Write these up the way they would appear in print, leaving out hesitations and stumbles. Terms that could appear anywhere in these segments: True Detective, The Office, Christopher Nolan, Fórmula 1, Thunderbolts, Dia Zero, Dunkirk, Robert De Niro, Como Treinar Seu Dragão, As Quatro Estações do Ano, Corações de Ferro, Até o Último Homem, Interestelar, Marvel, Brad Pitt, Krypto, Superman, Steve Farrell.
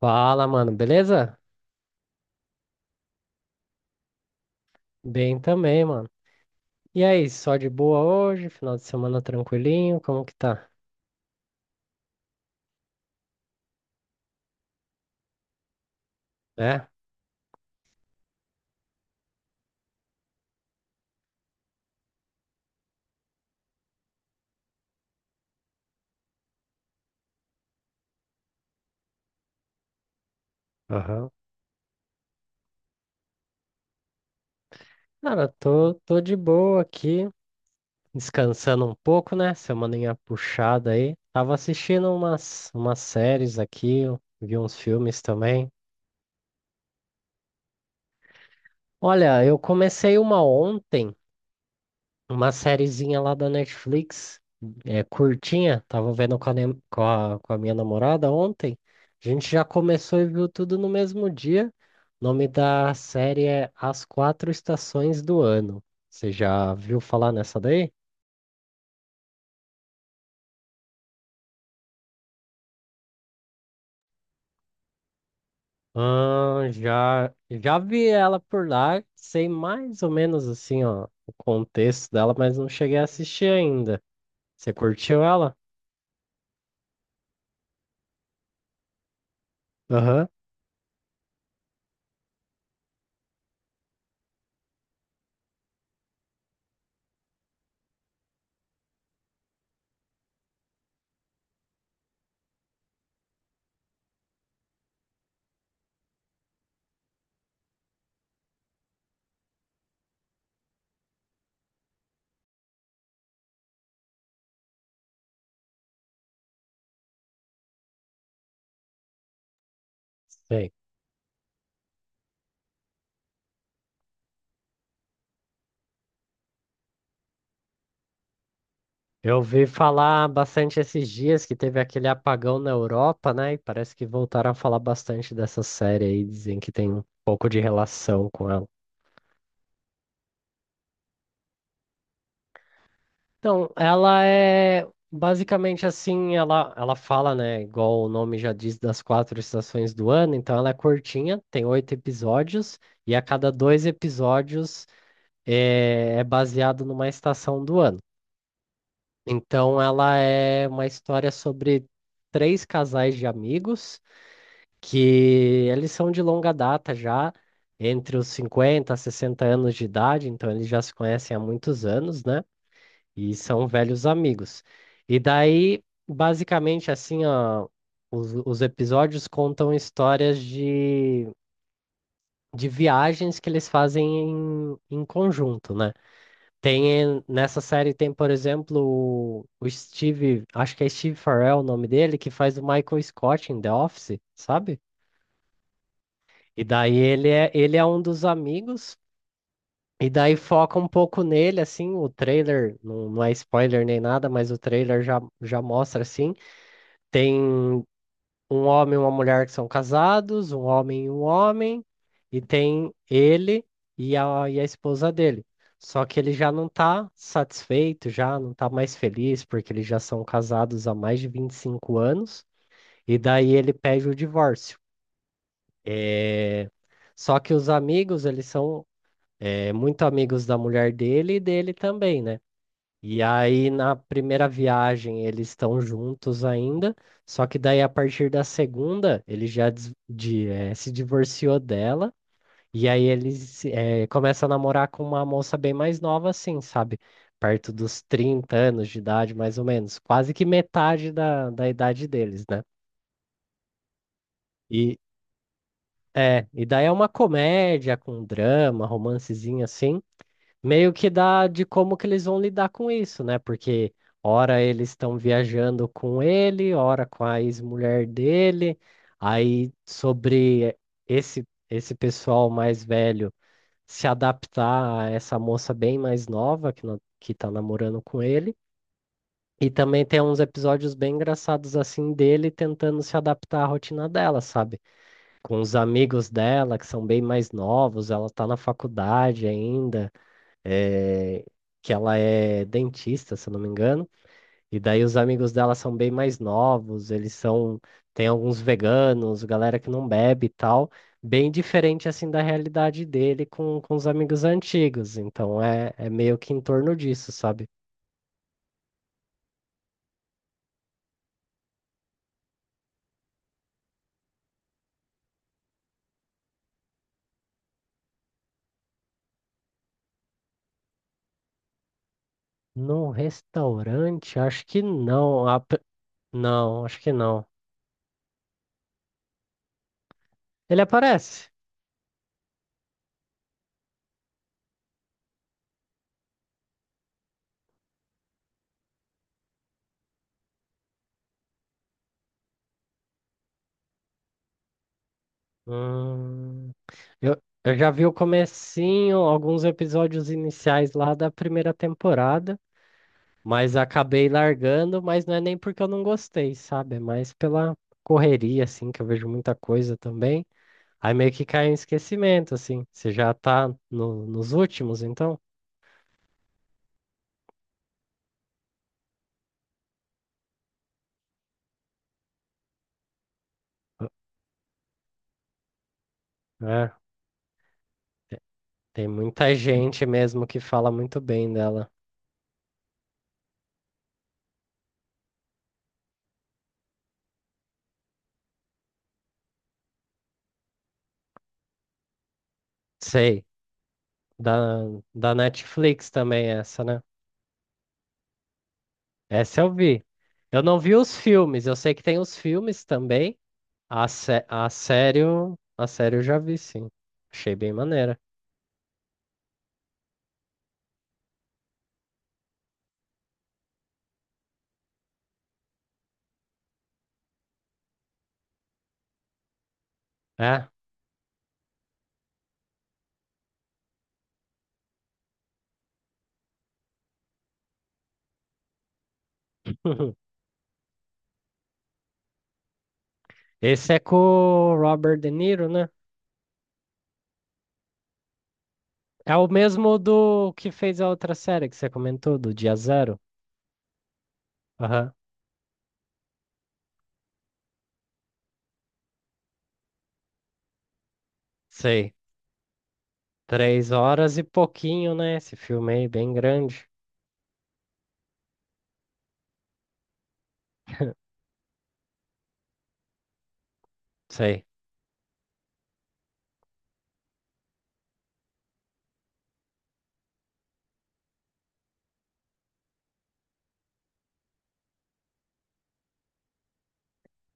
Fala, mano, beleza? Bem também, mano. E aí, só de boa hoje? Final de semana tranquilinho? Como que tá? É? Aham. Cara, tô de boa aqui, descansando um pouco, né? Semaninha puxada aí. Tava assistindo umas séries aqui, vi uns filmes também. Olha, eu comecei uma ontem. Uma sériezinha lá da Netflix, é, curtinha, tava vendo com a, nem- com a minha namorada ontem. A gente já começou e viu tudo no mesmo dia. O nome da série é As Quatro Estações do Ano. Você já viu falar nessa daí? Ah, já vi ela por lá, sei mais ou menos assim, ó, o contexto dela, mas não cheguei a assistir ainda. Você curtiu ela? Aham. Sei. Eu ouvi falar bastante esses dias que teve aquele apagão na Europa, né? E parece que voltaram a falar bastante dessa série aí, dizem que tem um pouco de relação com ela. Então, ela é basicamente assim, ela fala, né? Igual o nome já diz, das quatro estações do ano, então ela é curtinha, tem oito episódios, e a cada dois episódios é baseado numa estação do ano. Então, ela é uma história sobre três casais de amigos que eles são de longa data já, entre os 50 a 60 anos de idade, então eles já se conhecem há muitos anos, né? E são velhos amigos. E daí, basicamente, assim, ó, os episódios contam histórias de viagens que eles fazem em conjunto, né? Nessa série tem, por exemplo, o Steve, acho que é Steve Farrell o nome dele, que faz o Michael Scott em The Office, sabe? E daí ele é um dos amigos, e daí foca um pouco nele, assim, o trailer, não, não é spoiler nem nada, mas o trailer já mostra, assim, tem um homem e uma mulher que são casados, um homem, e tem ele e a esposa dele. Só que ele já não tá satisfeito, já não tá mais feliz, porque eles já são casados há mais de 25 anos, e daí ele pede o divórcio. É. Só que os amigos, eles são é muito amigos da mulher dele e dele também, né? E aí, na primeira viagem, eles estão juntos ainda, só que daí, a partir da segunda, ele já se divorciou dela, e aí ele começa a namorar com uma moça bem mais nova, assim, sabe? Perto dos 30 anos de idade, mais ou menos, quase que metade da idade deles, né? E, e daí é uma comédia com drama, romancezinho assim. Meio que dá de como que eles vão lidar com isso, né? Porque ora eles estão viajando com ele, ora com a ex-mulher dele, aí sobre esse pessoal mais velho se adaptar a essa moça bem mais nova que no- que tá namorando com ele. E também tem uns episódios bem engraçados assim dele tentando se adaptar à rotina dela, sabe? Com os amigos dela que são bem mais novos, ela tá na faculdade ainda eh, que ela é dentista, se eu não me engano, e daí os amigos dela são bem mais novos, eles são, tem alguns veganos, galera que não bebe e tal, bem diferente assim da realidade dele com os amigos antigos, então é meio que em torno disso, sabe? No restaurante, acho que não, não, acho que não. Ele aparece. Hum, eu já vi o comecinho, alguns episódios iniciais lá da primeira temporada. Mas acabei largando, mas não é nem porque eu não gostei, sabe? É mais pela correria, assim, que eu vejo muita coisa também. Aí meio que cai em esquecimento, assim. Você já tá nos últimos, então? É. te- Tem muita gente mesmo que fala muito bem dela. Sei. Da, da Netflix também, essa, né? Essa eu vi. Eu não vi os filmes, eu sei que tem os filmes também. A série eu já vi, sim. Achei bem maneira. É. Esse é com o Robert De Niro, né? É o mesmo do que fez a outra série que você comentou, do Dia Zero. Aham, sei. 3 horas e pouquinho, né? Esse filme aí, bem grande. Sei.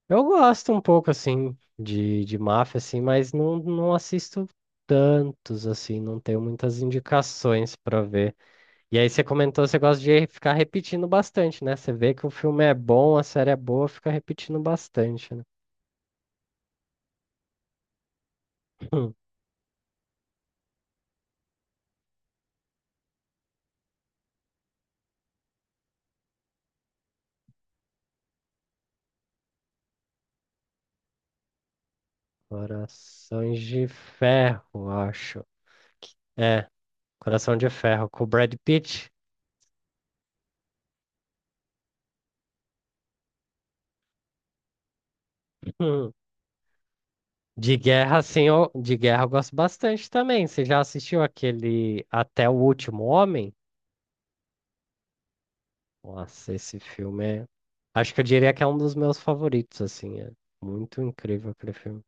Eu gosto um pouco, assim, de máfia, assim, mas não assisto tantos, assim, não tenho muitas indicações pra ver. E aí você comentou, você gosta de ficar repetindo bastante, né? Você vê que o filme é bom, a série é boa, fica repetindo bastante, né? Corações de Ferro, acho. É, Coração de Ferro com o Brad Pitt. Hum. De guerra, sim, de guerra eu gosto bastante também. Você já assistiu aquele Até o Último Homem? Nossa, esse filme é. Acho que eu diria que é um dos meus favoritos, assim. É muito incrível aquele filme.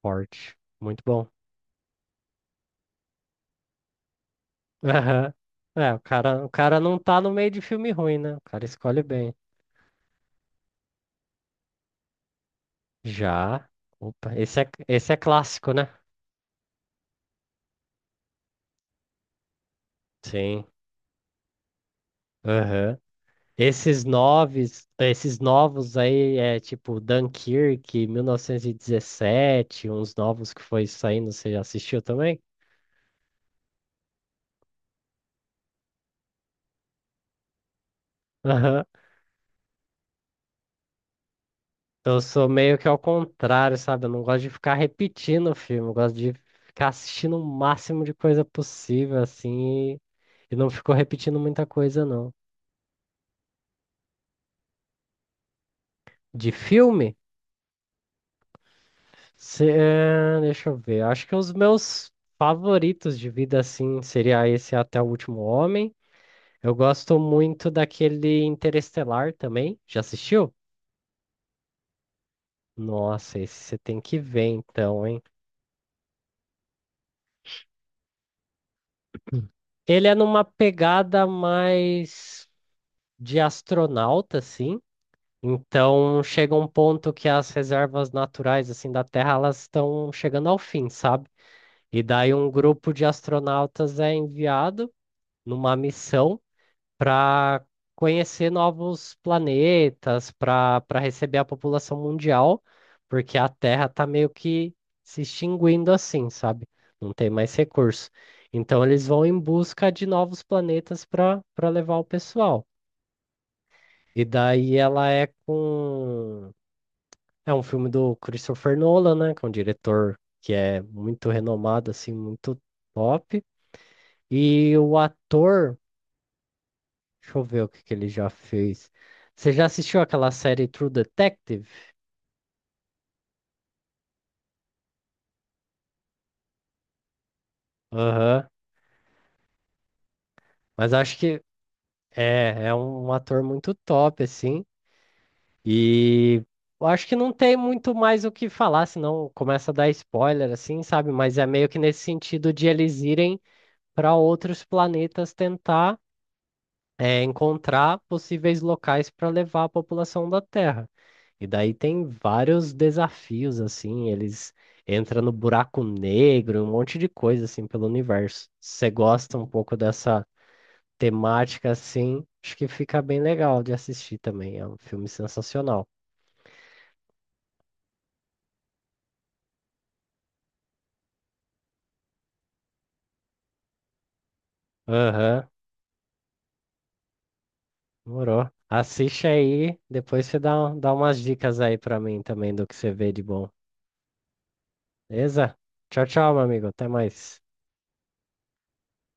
Forte. Muito bom. Aham. É, o cara não tá no meio de filme ruim, né? O cara escolhe bem. Já. Opa, esse é clássico, né? Sim. Aham. Esses novos aí é tipo Dunkirk, 1917, uns novos que foi saindo, você já assistiu também? Aham. Eu sou meio que ao contrário, sabe? Eu não gosto de ficar repetindo o filme, eu gosto de ficar assistindo o máximo de coisa possível, assim, e não ficou repetindo muita coisa, não. De filme? Deixa eu ver. Acho que os meus favoritos de vida, assim, seria esse Até o Último Homem. Eu gosto muito daquele Interestelar também. Já assistiu? Nossa, esse você tem que ver então, hein? Ele é numa pegada mais de astronauta, assim. Então chega um ponto que as reservas naturais assim da Terra elas estão chegando ao fim, sabe? E daí um grupo de astronautas é enviado numa missão para conhecer novos planetas, para receber a população mundial, porque a Terra tá meio que se extinguindo assim, sabe? Não tem mais recurso. Então eles vão em busca de novos planetas para levar o pessoal. E daí ela é com é um filme do Christopher Nolan, né, que é um diretor que é muito renomado assim, muito top. E o ator Deixa eu ver o que que ele já fez. Você já assistiu aquela série True Detective? Aham. Mas acho que é um ator muito top, assim. E eu acho que não tem muito mais o que falar, senão começa a dar spoiler, assim, sabe? Mas é meio que nesse sentido de eles irem para outros planetas tentar encontrar possíveis locais para levar a população da Terra. E daí tem vários desafios, assim, eles entram no buraco negro, um monte de coisa, assim, pelo universo. Se você gosta um pouco dessa temática, assim, acho que fica bem legal de assistir também. É um filme sensacional. Aham, morou. Assiste aí, depois você dá umas dicas aí pra mim também do que você vê de bom. Beleza? Tchau, tchau, meu amigo. Até mais.